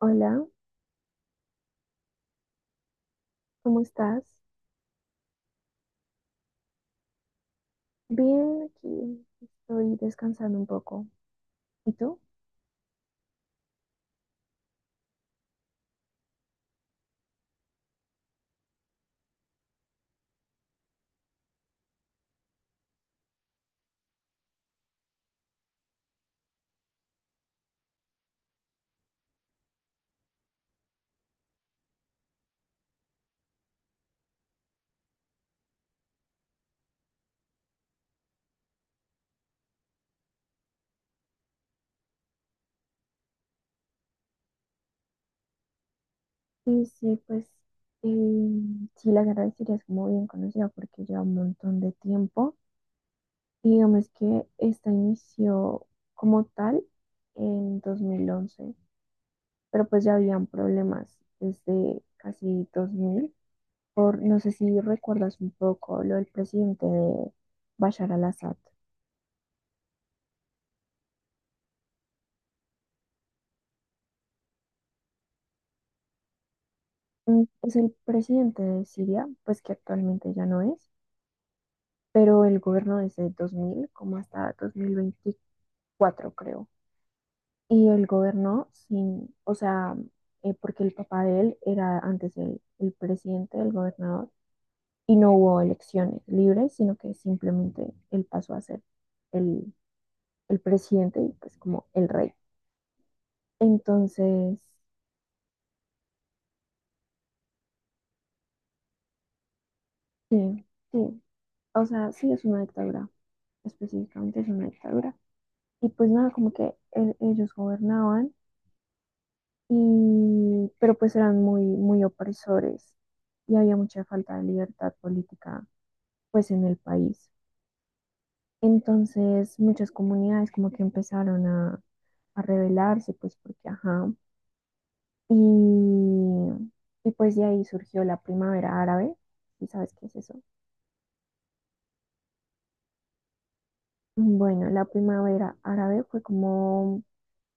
Hola, ¿cómo estás? Bien, aquí estoy descansando un poco. ¿Y tú? Sí, pues sí, la guerra de Siria es muy bien conocida porque lleva un montón de tiempo. Y digamos que esta inició como tal en 2011, pero pues ya habían problemas desde casi 2000. Por, no sé si recuerdas un poco lo del presidente de Bashar al-Assad. Es el presidente de Siria, pues que actualmente ya no es, pero él gobernó desde 2000 como hasta 2024 creo. Y él gobernó sin, o sea, porque el papá de él era antes el presidente, el gobernador, y no hubo elecciones libres, sino que simplemente él pasó a ser el, el presidente y pues como el rey. Entonces, sí, sí, o sea, sí es una dictadura, específicamente es una dictadura. Y pues nada, como que ellos gobernaban y, pero pues eran muy muy opresores y había mucha falta de libertad política pues en el país. Entonces muchas comunidades como que empezaron a rebelarse pues porque ajá. Y, y pues de ahí surgió la primavera árabe. ¿Y sabes qué es eso? Bueno, la primavera árabe fue como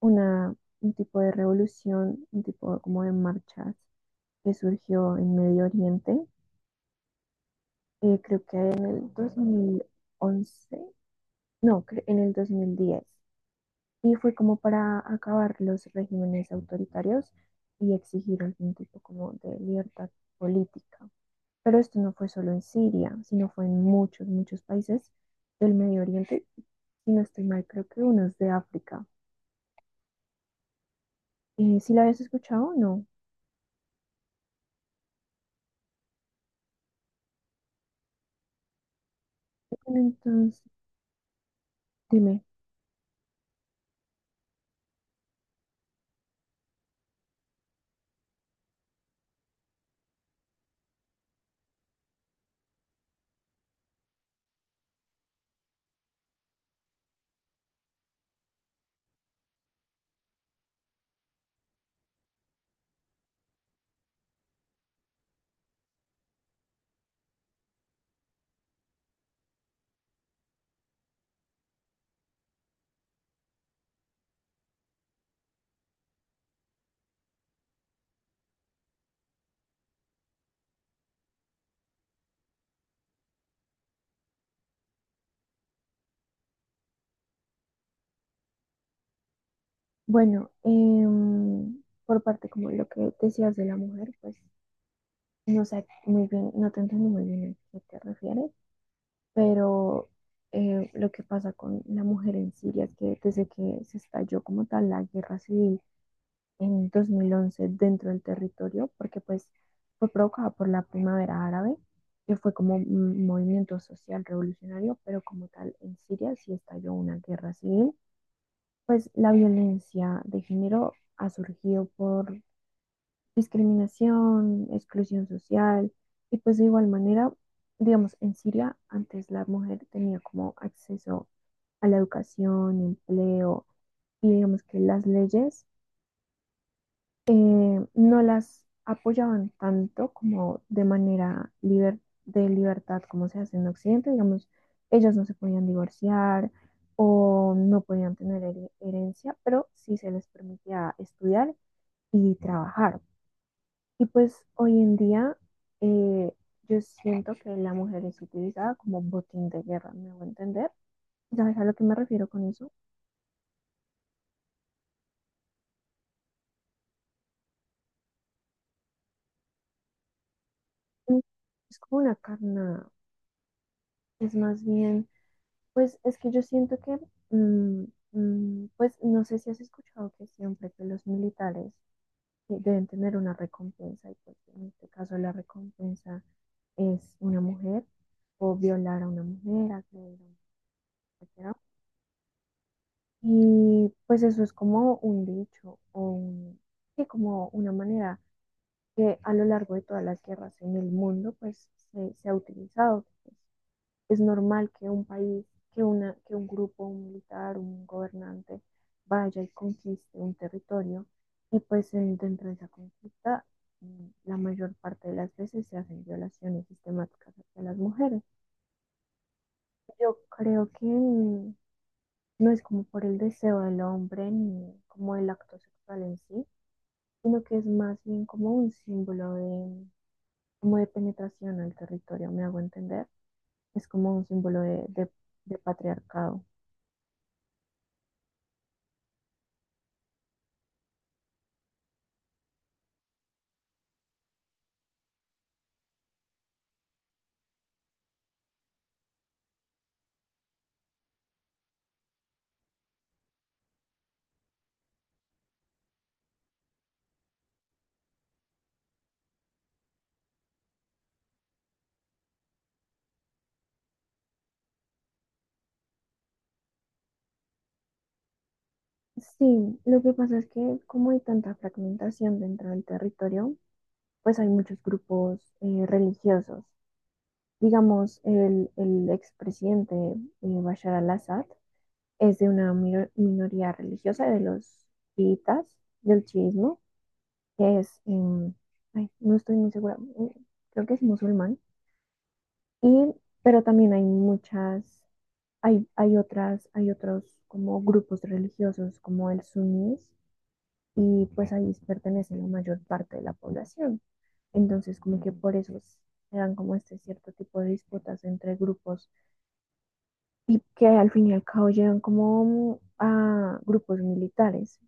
una, un tipo de revolución, un tipo como de marchas que surgió en Medio Oriente, creo que en el 2011 no, en el 2010. Y fue como para acabar los regímenes autoritarios y exigir algún tipo como de libertad política. Pero esto no fue solo en Siria, sino fue en muchos, muchos países del Medio Oriente. Si no estoy mal, creo que unos de África. Si la habías escuchado, no. Bueno, entonces, dime. Bueno, por parte como lo que decías de la mujer, pues no sé muy bien, no te entiendo muy bien a qué te refieres, pero lo que pasa con la mujer en Siria es que desde que se estalló como tal la guerra civil en 2011 dentro del territorio, porque pues fue provocada por la primavera árabe, que fue como un movimiento social revolucionario, pero como tal en Siria sí estalló una guerra civil, pues la violencia de género ha surgido por discriminación, exclusión social, y pues de igual manera, digamos, en Siria antes la mujer tenía como acceso a la educación, empleo, y digamos que las leyes, no las apoyaban tanto como de manera de libertad como se hace en Occidente. Digamos, ellas no se podían divorciar o no podían tener herencia, pero sí se les permitía estudiar y trabajar. Y pues hoy en día, eh, yo siento que la mujer es utilizada como botín de guerra, me voy a entender. ¿Sabes a lo que me refiero con eso? Mm. Es como una carna, es más bien, pues es que yo siento que, mm, pues no sé si has escuchado que siempre que los militares, deben tener una recompensa y pues en este caso la recompensa es una mujer o violar a una mujer, agredir a una mujer. Y pues eso es como un dicho, o sí, como una manera que a lo largo de todas las guerras en el mundo pues se ha utilizado. Pues, es normal que un país, que una, que un grupo, un militar, un gobernante vaya y conquiste un territorio y pues dentro de esa conquista, la mayor parte de las veces se hacen violaciones sistemáticas hacia las mujeres. Yo creo que no es como por el deseo del hombre ni como el acto sexual en sí, sino que es más bien como un símbolo de, como de penetración al territorio, me hago entender. Es como un símbolo de patriarcado. Sí, lo que pasa es que como hay tanta fragmentación dentro del territorio, pues hay muchos grupos religiosos. Digamos, el expresidente, Bashar al-Assad es de una minoría religiosa de los chiitas, del chiismo, que es, ay, no estoy muy segura, creo que es musulmán, y pero también hay muchas, hay otras, hay otros como grupos religiosos como el suníes, y pues ahí pertenece la mayor parte de la población. Entonces, como que por eso se dan como este cierto tipo de disputas entre grupos y que al fin y al cabo llegan como a grupos militares.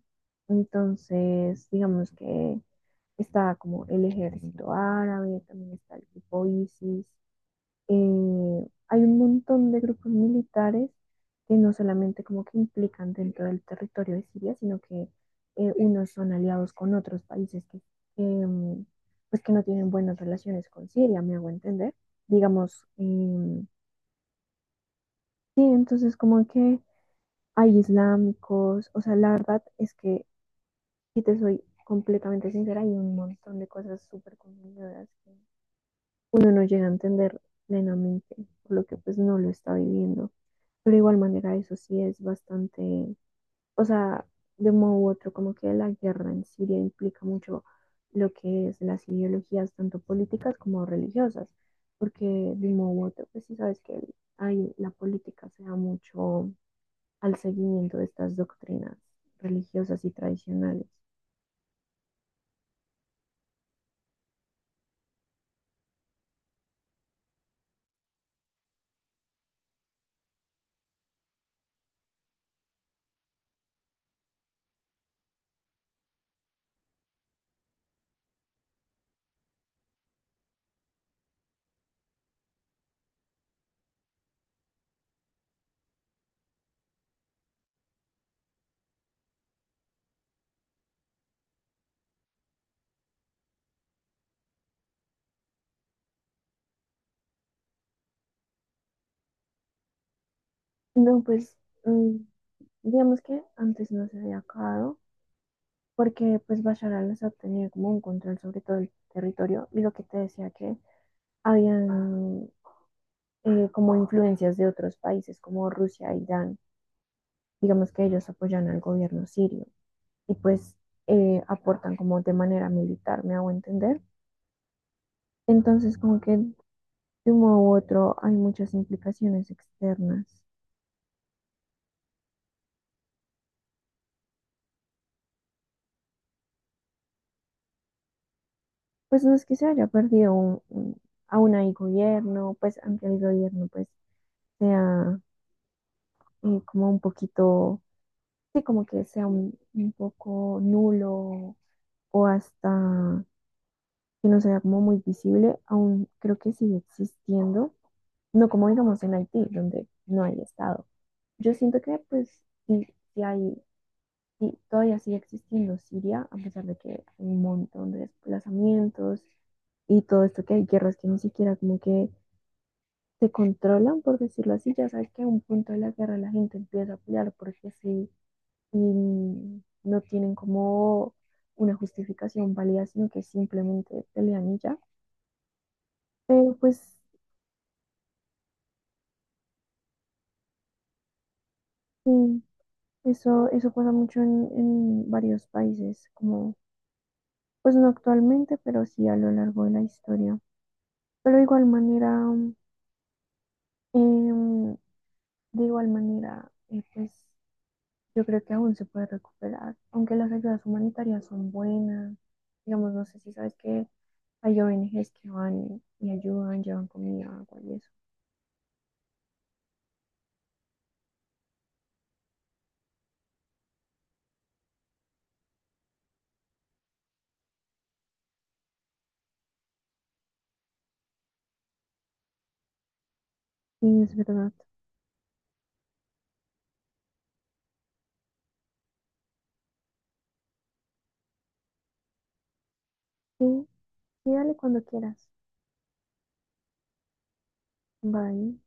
Entonces, digamos que está como el ejército árabe, también está el grupo ISIS. Hay un montón de grupos militares que no solamente como que implican dentro del territorio de Siria, sino que unos son aliados con otros países que, em, pues que no tienen buenas relaciones con Siria, me hago entender. Digamos, sí, entonces como que hay islámicos, o sea, la verdad es que, si te soy completamente sincera, hay un montón de cosas súper confundidoras que uno no llega a entender plenamente, por lo que pues no lo está viviendo. Pero de igual manera eso sí es bastante, o sea, de un modo u otro, como que la guerra en Siria implica mucho lo que es las ideologías tanto políticas como religiosas, porque de un modo u otro, pues sí sabes que hay, la política se da mucho al seguimiento de estas doctrinas religiosas y tradicionales. No, pues mm, digamos que antes no se había acabado porque pues Bashar al-Assad tenía como un control sobre todo el territorio y lo que te decía que habían, como influencias de otros países como Rusia, e Irán, digamos que ellos apoyan al gobierno sirio y pues aportan como de manera militar, me hago entender. Enttonces como que de un modo u otro hay muchas implicaciones externas. Pues no es que se haya perdido aún hay gobierno, pues aunque el gobierno pues sea, como un poquito, sí, como que sea un poco nulo o hasta que no sea como muy visible, aún creo que sigue existiendo, no como digamos en Haití, donde no hay Estado. Yo siento que pues sí, sí hay, sí, todavía sigue existiendo Siria, a pesar de que hay un montón de desplazamientos y todo esto que hay guerras que ni siquiera como que se controlan, por decirlo así. Ya sabes que a un punto de la guerra la gente empieza a pelear porque sí, y no tienen como una justificación válida, sino que simplemente pelean y ya. Pero pues sí, eso pasa mucho en varios países, como, pues no actualmente, pero sí a lo largo de la historia. Pero de igual manera, em, de igual manera, pues yo creo que aún se puede recuperar, aunque las ayudas humanitarias son buenas. Digamos, no sé si sabes que hay ONGs que van y ayudan, llevan comida, agua y eso. Sí, es verdad. Sí, sí, dale cuando quieras. Bye.